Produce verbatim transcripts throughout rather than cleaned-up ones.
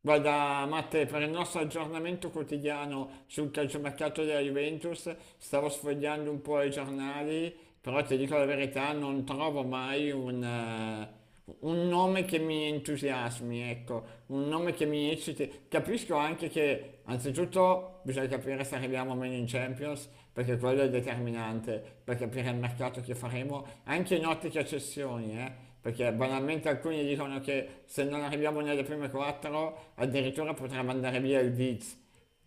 Guarda, Matte, per il nostro aggiornamento quotidiano sul calciomercato della Juventus, stavo sfogliando un po' i giornali, però ti dico la verità, non trovo mai un, eh, un nome che mi entusiasmi, ecco, un nome che mi ecciti. Capisco anche che, anzitutto, bisogna capire se arriviamo o meno in Champions, perché quello è determinante per capire il mercato che faremo, anche in ottica cessioni, eh. Perché banalmente alcuni dicono che se non arriviamo nelle prime quattro addirittura potrebbe andare via il Viz,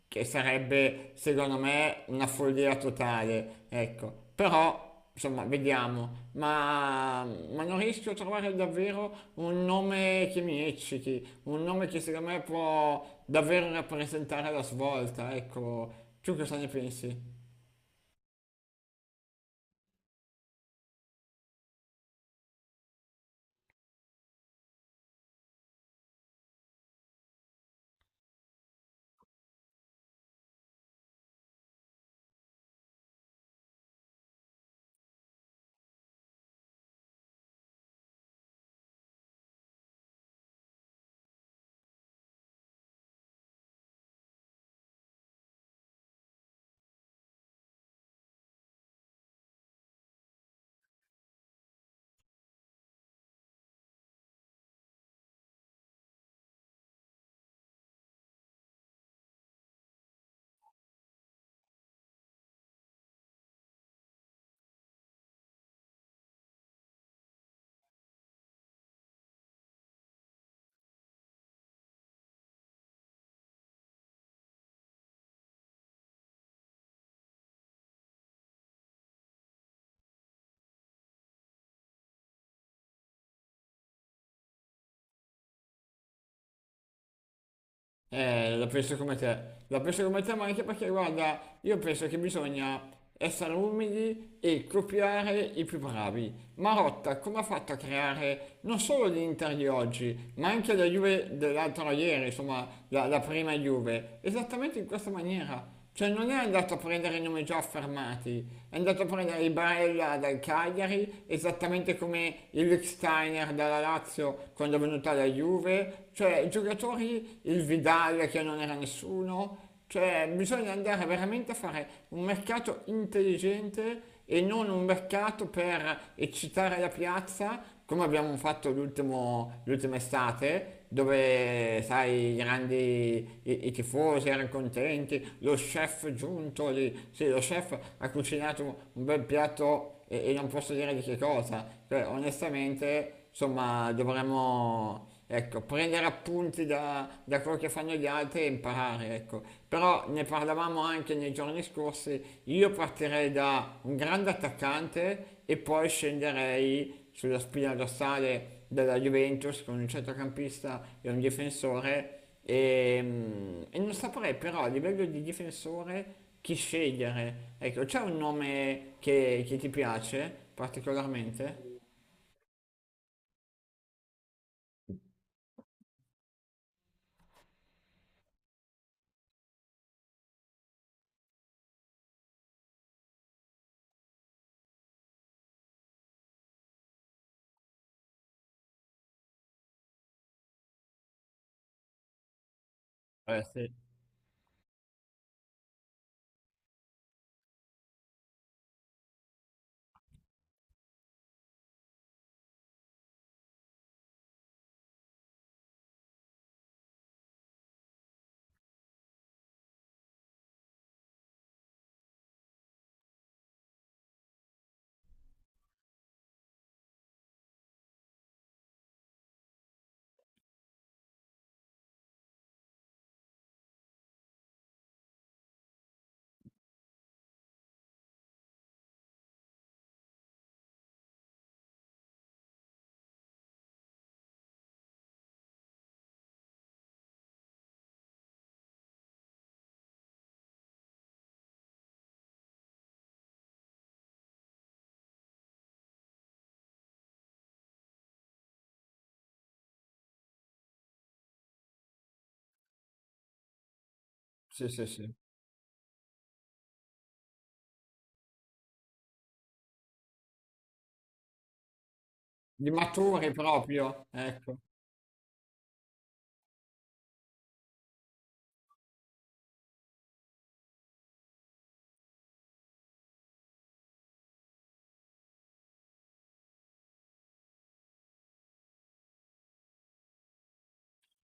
che sarebbe secondo me una follia totale, ecco. Però, insomma, vediamo. Ma, ma non riesco a trovare davvero un nome che mi ecciti, un nome che secondo me può davvero rappresentare la svolta, ecco. Tu cosa ne pensi? Eh, la penso come te, la penso come te, ma anche perché, guarda, io penso che bisogna essere umili e copiare i più bravi. Marotta, come ha fatto a creare non solo l'Inter di oggi, ma anche la Juve dell'altro ieri, insomma, la, la prima Juve, esattamente in questa maniera. Cioè non è andato a prendere i nomi già affermati, è andato a prendere i Barella dal Cagliari, esattamente come il Lichsteiner dalla Lazio quando è venuta la Juve, cioè giocatori, il Vidal che non era nessuno, cioè bisogna andare veramente a fare un mercato intelligente e non un mercato per eccitare la piazza, come abbiamo fatto l'ultimo- l'ultima estate, dove, sai, i grandi, i, i tifosi erano contenti, lo chef giunto lì, sì, lo chef ha cucinato un bel piatto e, e non posso dire di che cosa, cioè, onestamente, insomma, dovremmo... Ecco, prendere appunti da, da quello che fanno gli altri e imparare, ecco. Però ne parlavamo anche nei giorni scorsi, io partirei da un grande attaccante e poi scenderei sulla spina dorsale della Juventus con un centrocampista e un difensore e, mm, e non saprei però a livello di difensore chi scegliere. Ecco, c'è un nome che, che ti piace particolarmente? Eh sì, sì, sì, sì. Di Maturi proprio, ecco.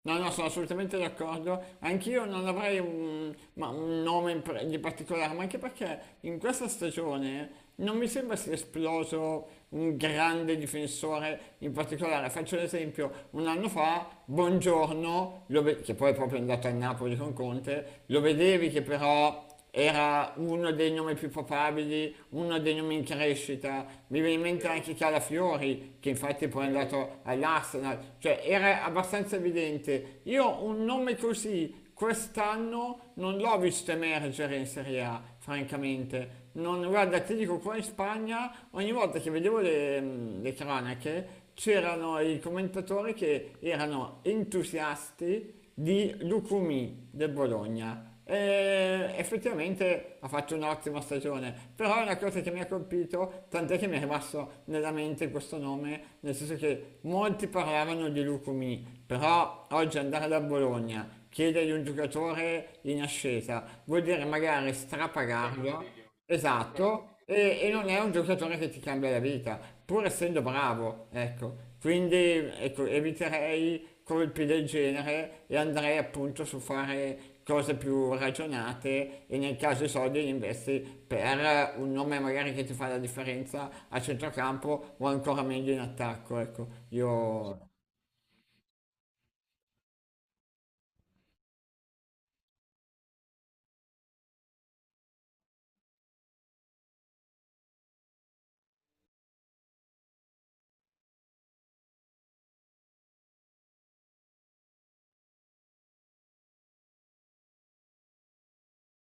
No, no, sono assolutamente d'accordo. Anch'io non avrei un, ma un nome in pre- di particolare, ma anche perché in questa stagione non mi sembra sia esploso un grande difensore in particolare. Faccio un esempio, un anno fa, Buongiorno, lo ve- che poi è proprio andato a Napoli con Conte, lo vedevi che però era uno dei nomi più papabili, uno dei nomi in crescita, mi viene in mente anche Calafiori, che infatti poi è andato all'Arsenal, cioè era abbastanza evidente. Io un nome così quest'anno non l'ho visto emergere in Serie A, francamente. Non, guarda, ti dico, qua in Spagna ogni volta che vedevo le, le cronache c'erano i commentatori che erano entusiasti di Lucumi del Bologna e effettivamente ha fatto un'ottima stagione, però è una cosa che mi ha colpito, tant'è che mi è rimasto nella mente questo nome, nel senso che molti parlavano di Lucumi, però oggi andare da Bologna, chiedergli un giocatore in ascesa, vuol dire magari strapagarlo. Esatto, e, e non è un giocatore che ti cambia la vita, pur essendo bravo, ecco. Quindi ecco, eviterei colpi del genere e andrei appunto su fare cose più ragionate e nel caso i soldi li investi per un nome magari che ti fa la differenza a centrocampo o ancora meglio in attacco, ecco. Io...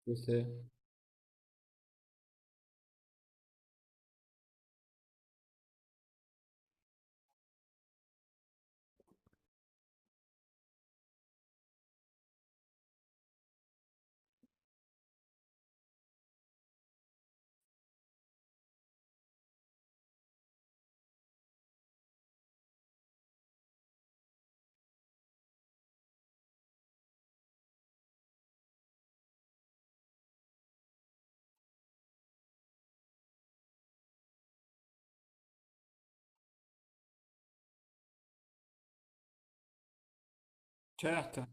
Sì, sì. Certo.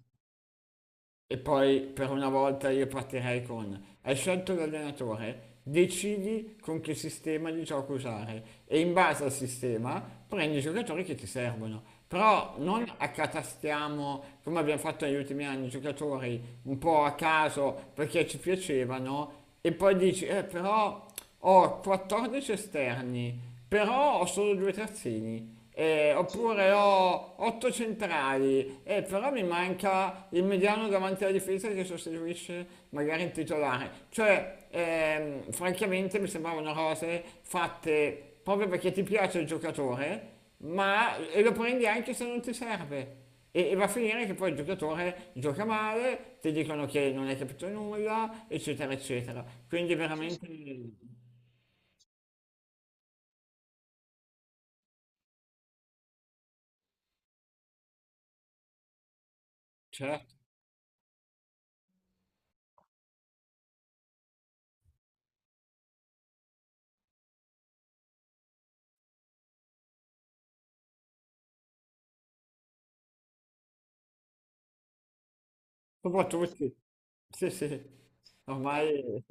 E poi per una volta io partirei con, hai scelto l'allenatore, decidi con che sistema di gioco usare e in base al sistema prendi i giocatori che ti servono. Però non accatastiamo, come abbiamo fatto negli ultimi anni, giocatori un po' a caso perché ci piacevano e poi dici, eh però ho quattordici esterni, però ho solo due terzini. Eh, oppure ho otto centrali, eh, però mi manca il mediano davanti alla difesa che sostituisce magari il titolare. Cioè, ehm, francamente mi sembravano cose fatte proprio perché ti piace il giocatore, ma e lo prendi anche se non ti serve. E, e va a finire che poi il giocatore gioca male, ti dicono che non hai capito nulla, eccetera, eccetera. Quindi veramente. Certo, un po' tutti, sì sì, ormai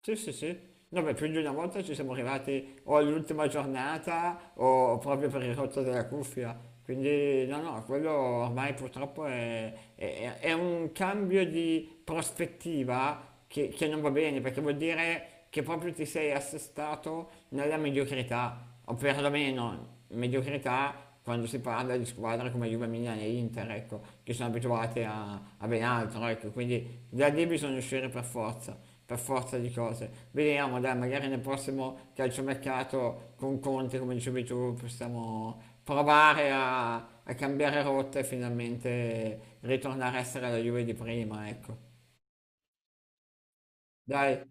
sì sì sì, no beh, più di una volta ci siamo arrivati o all'ultima giornata o proprio per il rotto della cuffia, quindi no no, quello ormai purtroppo è, è- è un cambio di prospettiva che, che non va bene perché vuol dire che proprio ti sei assestato nella mediocrità, o perlomeno mediocrità quando si parla di squadre come Juve, Milan e Inter, ecco, che sono abituate a, a ben altro, ecco, quindi da lì bisogna uscire per forza, per forza di cose. Vediamo, dai, magari nel prossimo calciomercato con Conte, come dicevi tu, possiamo provare a, a cambiare rotta e finalmente ritornare a essere la Juve di prima, ecco. Dai,